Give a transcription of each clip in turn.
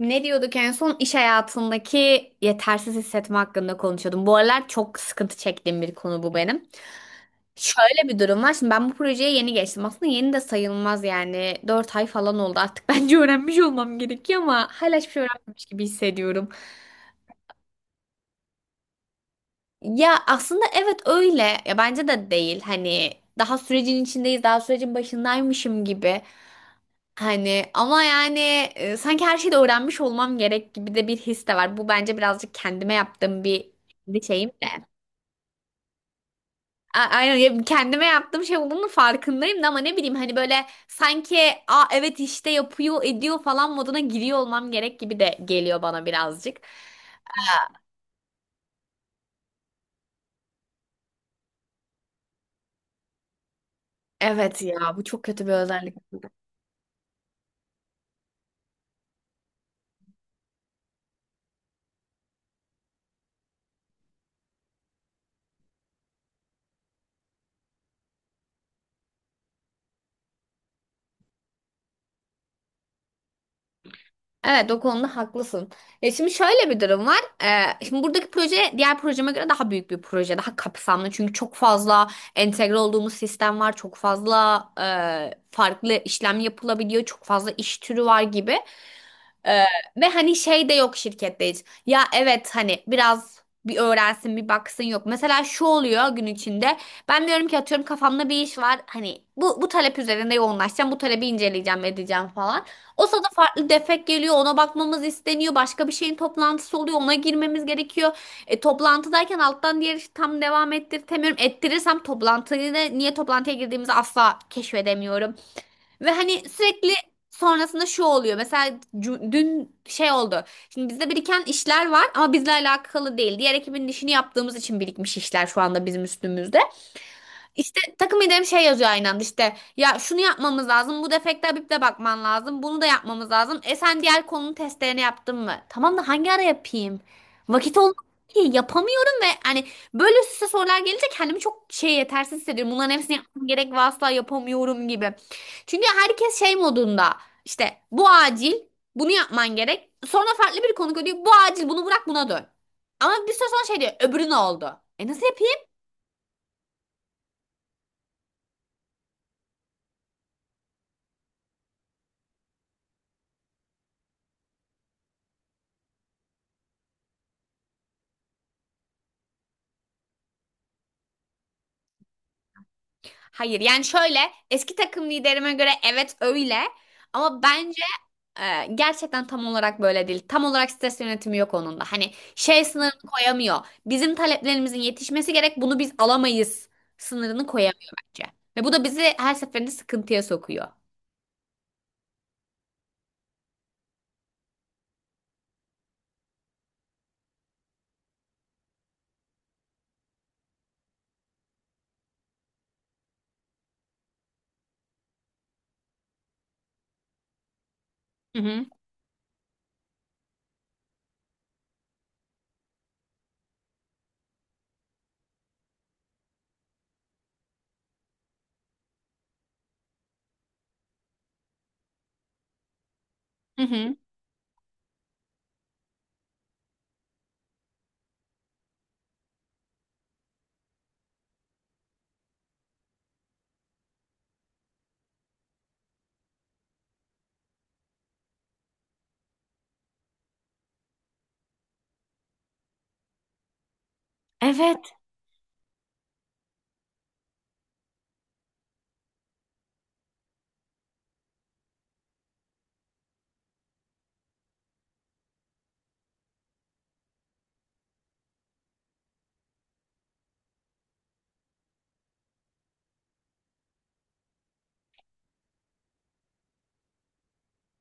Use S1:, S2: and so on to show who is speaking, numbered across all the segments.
S1: Ne diyorduk en son iş hayatındaki yetersiz hissetme hakkında konuşuyordum. Bu aralar çok sıkıntı çektiğim bir konu bu benim. Şöyle bir durum var. Şimdi ben bu projeye yeni geçtim. Aslında yeni de sayılmaz yani. 4 ay falan oldu artık. Bence öğrenmiş olmam gerekiyor ama hala hiçbir şey öğrenmemiş gibi hissediyorum. Ya aslında evet öyle. Ya bence de değil. Hani daha sürecin içindeyiz, daha sürecin başındaymışım gibi. Hani ama yani sanki her şeyi de öğrenmiş olmam gerek gibi de bir his de var. Bu bence birazcık kendime yaptığım bir kendi şeyim de. Aynen ya kendime yaptığım şey olduğunu farkındayım da ama ne bileyim hani böyle sanki evet işte yapıyor ediyor falan moduna giriyor olmam gerek gibi de geliyor bana birazcık. Evet ya bu çok kötü bir özellik. Evet o konuda haklısın. Ya şimdi şöyle bir durum var. Şimdi buradaki proje diğer projeme göre daha büyük bir proje, daha kapsamlı. Çünkü çok fazla entegre olduğumuz sistem var, çok fazla farklı işlem yapılabiliyor, çok fazla iş türü var gibi. Ee, Ve hani şey de yok şirkette hiç. Ya evet hani biraz bir öğrensin bir baksın yok. Mesela şu oluyor gün içinde. Ben diyorum ki atıyorum kafamda bir iş var. Hani bu talep üzerinde yoğunlaşacağım. Bu talebi inceleyeceğim edeceğim falan. O sırada farklı defek geliyor. Ona bakmamız isteniyor. Başka bir şeyin toplantısı oluyor. Ona girmemiz gerekiyor. Toplantıdayken alttan diğer işi tam devam ettirtemiyorum. Ettirirsem toplantıyı da niye toplantıya girdiğimizi asla keşfedemiyorum. Ve hani sürekli sonrasında şu oluyor. Mesela dün şey oldu. Şimdi bizde biriken işler var ama bizle alakalı değil. Diğer ekibin işini yaptığımız için birikmiş işler şu anda bizim üstümüzde. İşte takım liderim şey yazıyor aynı anda işte ya şunu yapmamız lazım bu defekte Habib'le bakman lazım bunu da yapmamız lazım. Sen diğer konunun testlerini yaptın mı? Tamam da hangi ara yapayım? Vakit olmuyor, ki yapamıyorum ve hani böyle üst üste sorular gelince kendimi çok şey yetersiz hissediyorum. Bunların hepsini yapmam gerek ve asla yapamıyorum gibi. Çünkü herkes şey modunda işte bu acil bunu yapman gerek. Sonra farklı bir konu diyor bu acil bunu bırak buna dön. Ama bir süre sonra şey diyor öbürü ne oldu? Nasıl yapayım? Hayır yani şöyle eski takım liderime göre evet öyle ama bence gerçekten tam olarak böyle değil. Tam olarak stres yönetimi yok onun da. Hani şey sınırını koyamıyor. Bizim taleplerimizin yetişmesi gerek bunu biz alamayız sınırını koyamıyor bence. Ve bu da bizi her seferinde sıkıntıya sokuyor. Hı hı. Hı hı. Evet,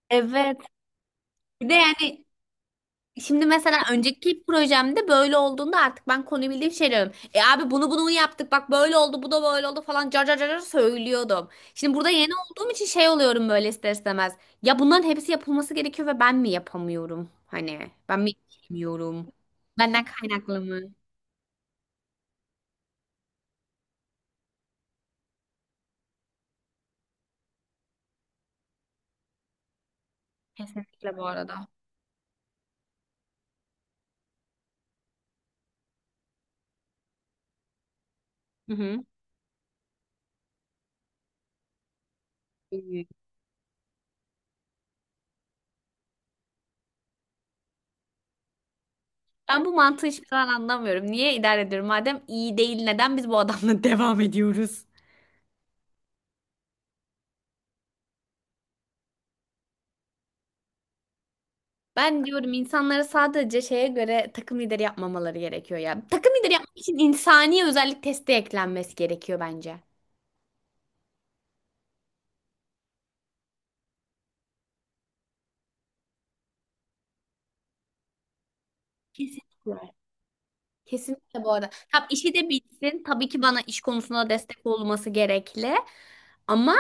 S1: evet. Bir de yani şimdi mesela önceki projemde böyle olduğunda artık ben konuyu bildiğim şey diyorum. Abi bunu yaptık bak böyle oldu bu da böyle oldu falan car car car car söylüyordum. Şimdi burada yeni olduğum için şey oluyorum böyle ister istemez. Ya bunların hepsi yapılması gerekiyor ve ben mi yapamıyorum? Hani ben mi bilmiyorum? Benden kaynaklı mı? Kesinlikle bu arada. Hı hı. Ben bu mantığı hiçbir zaman anlamıyorum. Niye idare ediyorum? Madem iyi değil neden biz bu adamla devam ediyoruz? Ben diyorum insanlara sadece şeye göre takım lideri yapmamaları gerekiyor ya. Takım lideri yapmak için insani özellik testi eklenmesi gerekiyor bence. Kesinlikle. Kesinlikle bu arada. Tabii işi de bilsin. Tabii ki bana iş konusunda destek olması gerekli. Ama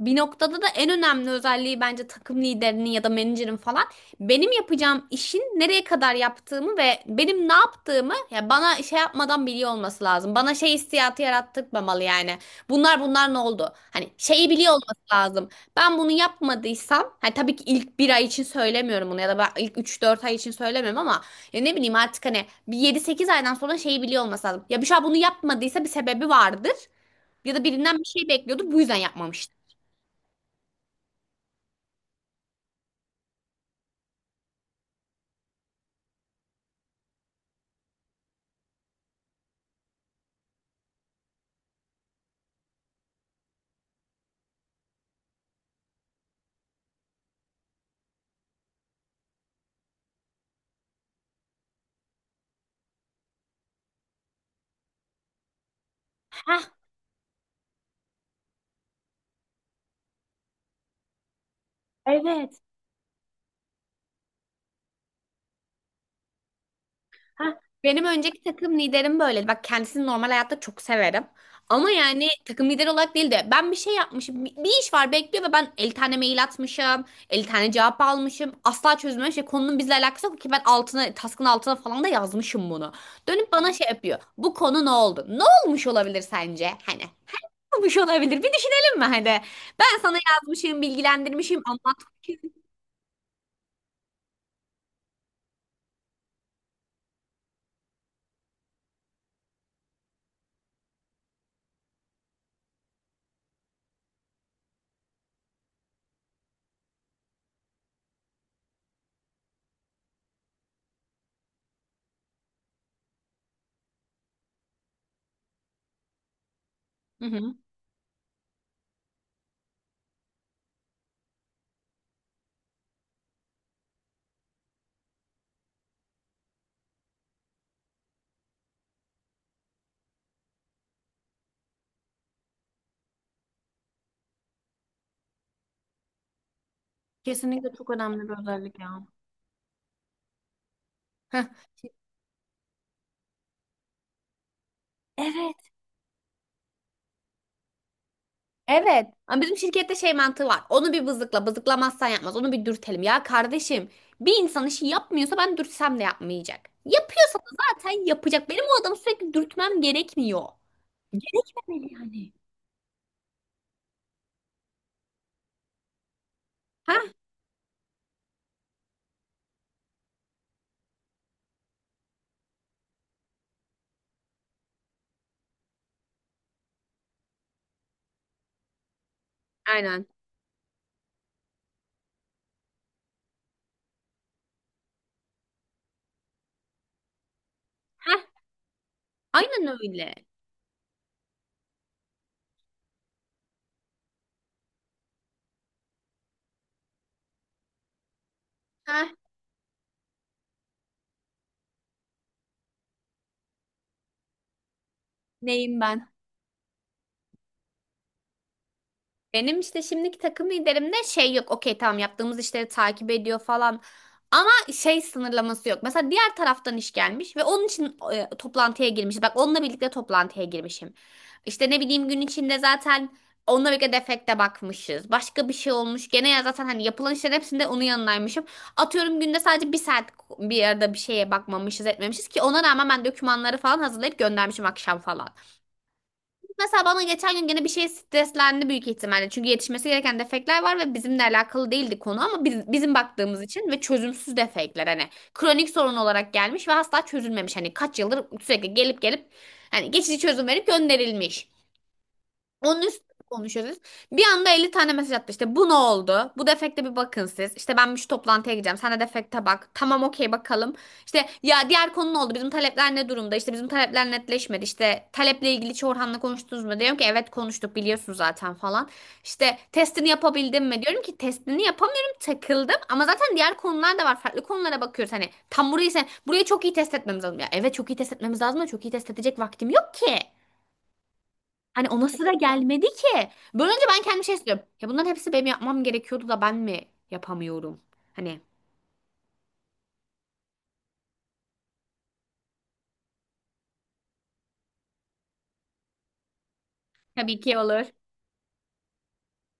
S1: bir noktada da en önemli özelliği bence takım liderinin ya da menajerin falan benim yapacağım işin nereye kadar yaptığımı ve benim ne yaptığımı ya bana şey yapmadan biliyor olması lazım. Bana şey hissiyatı yarattırmamalı yani. Bunlar ne oldu? Hani şeyi biliyor olması lazım. Ben bunu yapmadıysam hani tabii ki ilk bir ay için söylemiyorum bunu ya da ben ilk 3-4 ay için söylemiyorum ama ya ne bileyim artık hani bir 7-8 aydan sonra şeyi biliyor olması lazım. Ya Büşra bunu yapmadıysa bir sebebi vardır. Ya da birinden bir şey bekliyordu. Bu yüzden yapmamıştı. Heh. Evet. Ha, benim önceki takım liderim böyleydi. Bak kendisini normal hayatta çok severim. Ama yani takım lideri olarak değil de ben bir şey yapmışım. Bir iş var bekliyor ve ben 50 tane mail atmışım. 50 tane cevap almışım. Asla çözmemiş. Şey, konunun bizle alakası yok ki ben altına, task'ın altına falan da yazmışım bunu. Dönüp bana şey yapıyor. Bu konu ne oldu? Ne olmuş olabilir sence? Hani. Olmuş olabilir? Bir düşünelim mi hadi? Ben sana yazmışım, bilgilendirmişim, anlatmışım. Hı hı. Kesinlikle çok önemli bir özellik ya. Heh. Evet, evet. Ama bizim şirkette şey mantığı var. Onu bir bızıkla, bızıklamazsan yapmaz. Onu bir dürtelim. Ya kardeşim, bir insan işi yapmıyorsa ben dürtsem de yapmayacak. Yapıyorsa da zaten yapacak. Benim o adamı sürekli dürtmem gerekmiyor. Gerekmemeli yani. Heh, aynen. Heh, aynen öyle. Heh, neyim ben? Benim işte şimdiki takım liderimde şey yok. Okey tamam yaptığımız işleri takip ediyor falan. Ama şey sınırlaması yok. Mesela diğer taraftan iş gelmiş ve onun için toplantıya girmiş. Bak onunla birlikte toplantıya girmişim. İşte ne bileyim gün içinde zaten onunla birlikte defekte bakmışız. Başka bir şey olmuş. Gene ya zaten hani yapılan işlerin hepsinde onun yanındaymışım. Atıyorum günde sadece bir saat bir arada bir şeye bakmamışız etmemişiz ki ona rağmen ben dokümanları falan hazırlayıp göndermişim akşam falan. Mesela bana geçen gün gene bir şey streslendi büyük ihtimalle. Çünkü yetişmesi gereken defekler var ve bizimle alakalı değildi konu ama bizim baktığımız için ve çözümsüz defekler hani kronik sorun olarak gelmiş ve asla çözülmemiş. Hani kaç yıldır sürekli gelip gelip hani geçici çözüm verip gönderilmiş. Onun üstüne konuşuyoruz. Bir anda 50 tane mesaj attı işte. Bu ne oldu? Bu defekte bir bakın siz. İşte ben şu toplantıya gideceğim. Sen de defekte bak. Tamam okey bakalım. İşte ya diğer konu ne oldu? Bizim talepler ne durumda? İşte bizim talepler netleşmedi. İşte taleple ilgili hiç Orhan'la konuştunuz mu? Diyorum ki evet konuştuk biliyorsun zaten falan. İşte testini yapabildim mi? Diyorum ki testini yapamıyorum takıldım. Ama zaten diğer konular da var. Farklı konulara bakıyoruz. Hani tam burayı çok iyi test etmemiz lazım. Ya evet çok iyi test etmemiz lazım ama çok iyi test edecek vaktim yok ki. Hani ona sıra gelmedi ki. Böyle önce ben kendim şey istiyorum. Ya bunların hepsi benim yapmam gerekiyordu da ben mi yapamıyorum? Hani tabii ki olur.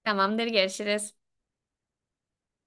S1: Tamamdır, görüşürüz.